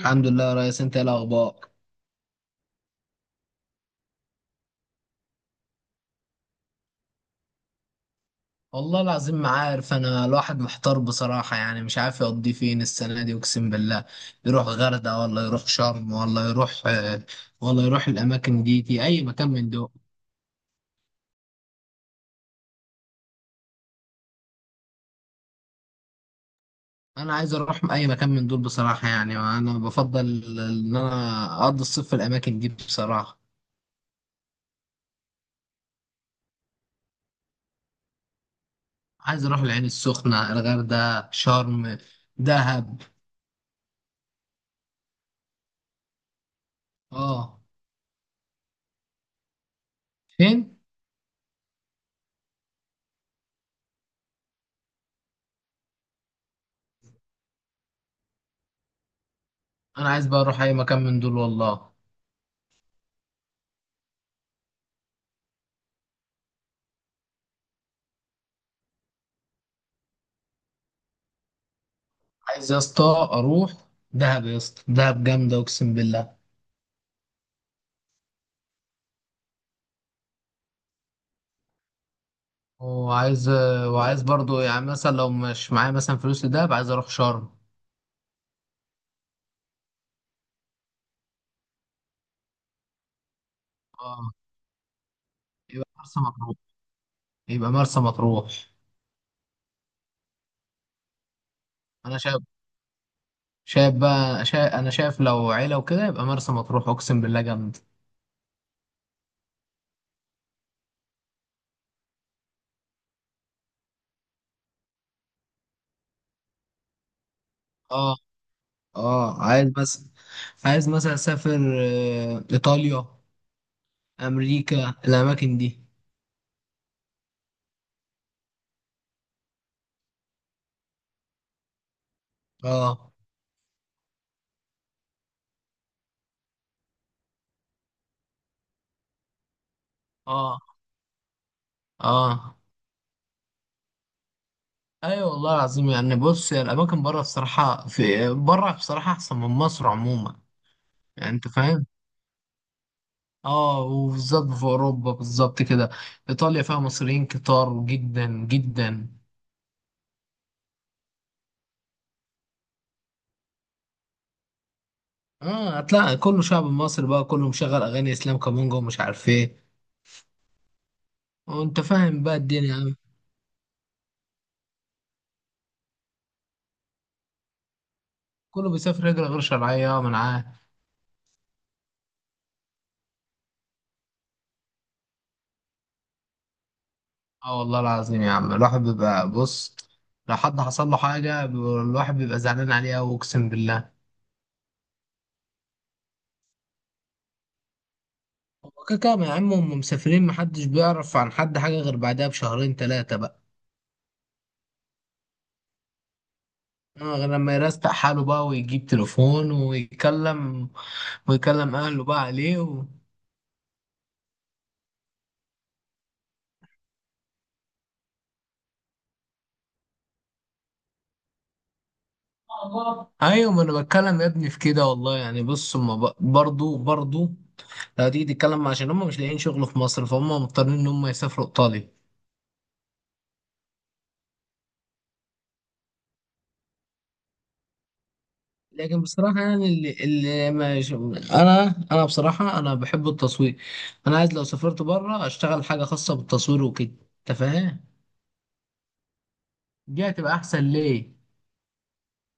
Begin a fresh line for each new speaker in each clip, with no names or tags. الحمد لله يا ريس، انت ايه الاخبار؟ والله العظيم ما عارف، انا الواحد محتار بصراحة، يعني مش عارف يقضي فين السنة دي، اقسم بالله. يروح غردقة ولا يروح شرم ولا يروح ولا يروح الاماكن دي اي مكان من دول. انا عايز اروح اي مكان من دول بصراحة، يعني انا بفضل ان انا اقضي الصيف في الاماكن دي بصراحة. عايز اروح العين السخنة، الغردقة، شرم، دهب. اه. فين؟ انا عايز بقى اروح اي مكان من دول والله. عايز يا اسطى اروح دهب، يا اسطى دهب جامده اقسم بالله. وعايز وعايز برضو يعني مثلا، لو مش معايا مثلا فلوس لدهب، عايز اروح شرم. اه، يبقى مرسى مطروح. يبقى مرسى مطروح. انا شايف شايف بقى شايف انا شايف لو عيله وكده يبقى مرسى مطروح، اقسم بالله جامده. اه، اه، عايز بس. عايز مثلا اسافر ايطاليا، امريكا، الاماكن دي. اه، اه، اه، ايوه والله العظيم. يعني بص، هي الاماكن بره بصراحه، في بره بصراحه احسن من مصر عموما. يعني انت فاهم. اه، وبالظبط في اوروبا بالظبط كده. ايطاليا فيها مصريين كتار جدا جدا. اه، هتلاقي كله شعب مصري بقى، كله مشغل اغاني اسلام كامونجا ومش عارف ايه. وانت فاهم بقى الدنيا يعني. كله بيسافر هجره غير شرعيه من معاه. اه والله العظيم يا عم، الواحد بيبقى بص، لو حد حصل له حاجه الواحد بيبقى زعلان عليه أوي اقسم بالله. هو كده كده يا عم، هم مسافرين، محدش بيعرف عن حد حاجة غير بعدها بشهرين تلاتة بقى. غير لما يرستق حاله بقى ويجيب تليفون ويتكلم، ويكلم أهله بقى عليه و... أيوة، ما أنا بتكلم يا ابني في كده والله. يعني بص، هما برضو لو تيجي تتكلم، عشان هم مش لاقيين شغل في مصر، فهم مضطرين إن هم يسافروا إيطاليا. لكن بصراحة يعني اللي ما ش- أنا بصراحة أنا بحب التصوير. أنا عايز لو سافرت بره أشتغل حاجة خاصة بالتصوير وكده. أنت فاهم؟ دي هتبقى احسن ليه،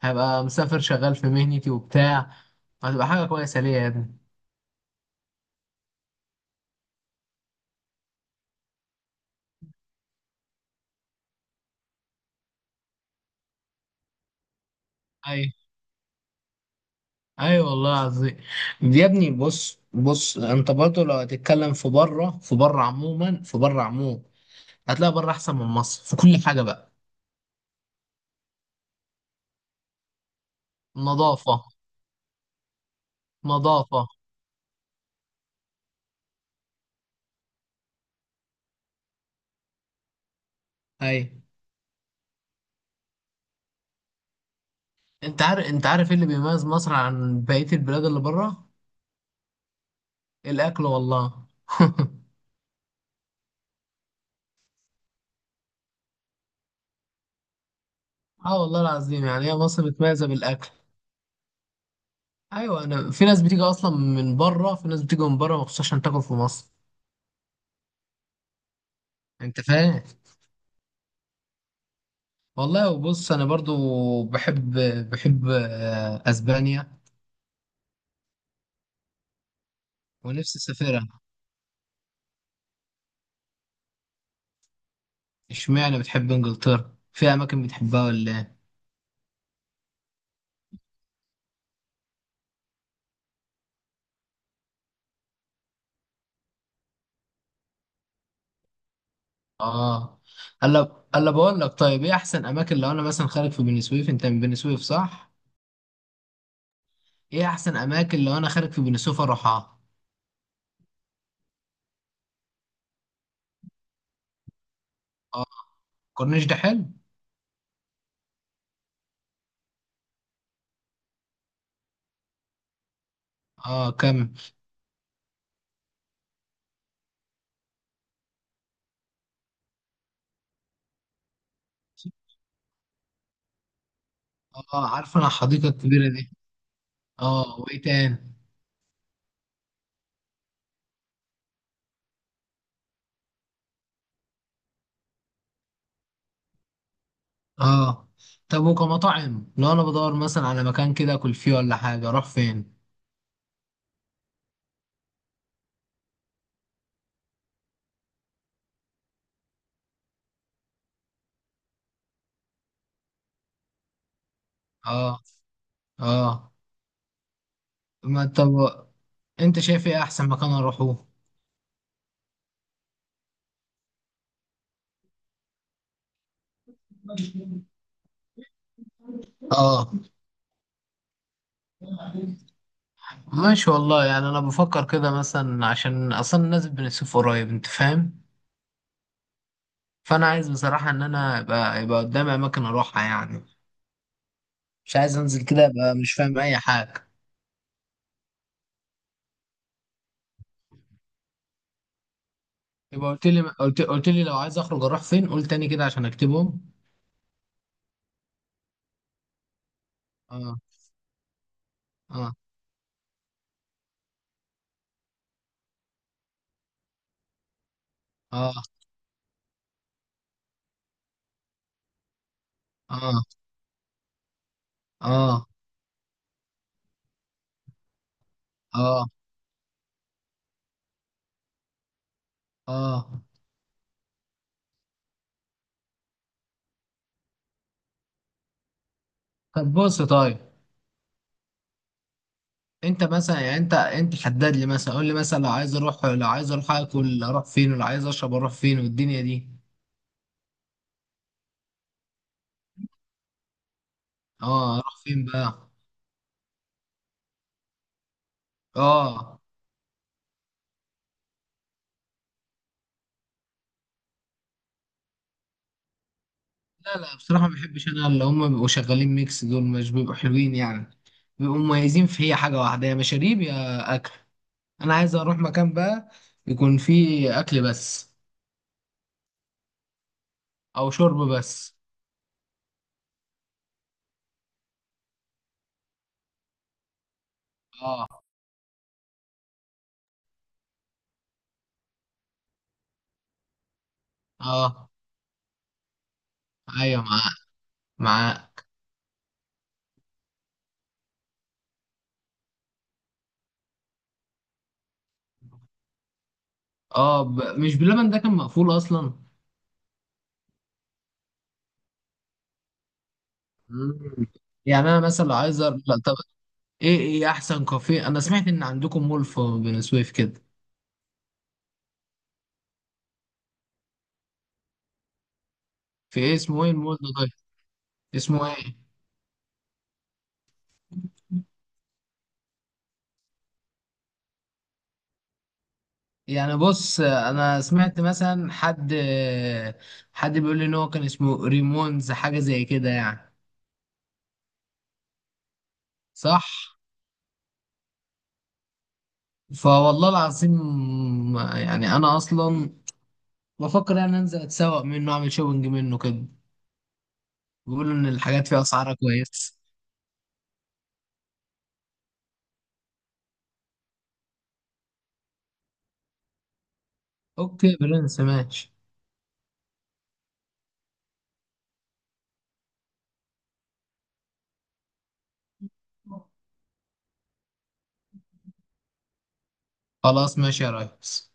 هبقى مسافر شغال في مهنتي وبتاع، هتبقى حاجه كويسه ليه يا ابني. ايوه، ايوه والله العظيم. يا ابني بص بص، انت برضه لو هتتكلم في بره عموما هتلاقي بره احسن من مصر في كل حاجه بقى. نظافه. نظافه. ايوه، انت عارف ايه اللي بيميز مصر عن بقيه البلاد اللي بره؟ الاكل والله اه والله العظيم، يعني هي مصر متميزه بالاكل. ايوه، انا في ناس بتيجي اصلا من بره، في ناس بتيجي من بره مخصوص عشان تاكل في مصر. انت فاهم؟ والله. وبص انا برضو بحب بحب اسبانيا، ونفسي اسافرها. اشمعنى بتحب انجلترا؟ في اماكن بتحبها ولا ايه؟ اه، الا بقول لك، طيب ايه احسن اماكن لو انا مثلا خارج في بني سويف؟ انت من بني سويف صح؟ ايه احسن اماكن لو انا خارج في بني سويف اروحها؟ اه، الكورنيش ده حلو. اه، كم؟ اه، عارف انا الحديقه الكبيره دي. اه، وايه تاني؟ اه، طب وكمطاعم لو انا بدور مثلا على مكان كده اكل فيه ولا حاجه، اروح فين؟ اه، اه، ما طب، انت شايف ايه احسن مكان اروحه؟ اه ماشي والله، يعني انا بفكر كده مثلا عشان اصلا الناس بنسوف قريب، انت فاهم؟ فانا عايز بصراحه ان انا يبقى قدامي اماكن اروحها يعني. مش عايز انزل كده ابقى مش فاهم اي حاجه. يبقى قلت لي لو عايز اخرج اروح فين، قول تاني كده عشان اكتبهم. اه، اه، اه، اه، اه، اه، اه. طب بص، طيب انت مثلا يعني انت حدد لي مثلا، قول لي مثلا لو عايز اروح اكل اروح فين، ولو عايز اشرب اروح فين والدنيا دي. اه، اروح فين بقى؟ اه، لا لا بصراحة ما بحبش انا اللي هم بيبقوا شغالين ميكس، دول مش بيبقوا حلوين يعني. بيبقوا مميزين في هي حاجة واحدة، يا مشاريب يا اكل. انا عايز اروح مكان بقى يكون فيه اكل بس، او شرب بس. اه، اه، ايوه. معاه، معاه. اه، مش باللبن ده كان مقفول اصلا؟ مم. يعني انا مثلا لو عايز لا طب، ايه احسن كافيه؟ انا سمعت ان عندكم مول في بني سويف كده. في ايه؟ اسمه ايه المول ده طيب؟ اسمه ايه؟ يعني بص انا سمعت مثلا حد بيقول لي ان هو كان اسمه ريمونز، حاجه زي كده يعني. صح؟ فوالله العظيم، يعني انا اصلا بفكر ان أنا انزل اتسوق منه اعمل شوبنج منه كده. بيقولوا ان الحاجات فيه اسعارها كويسه. اوكي برنس ماشي. خلاص ماشي يا ريس.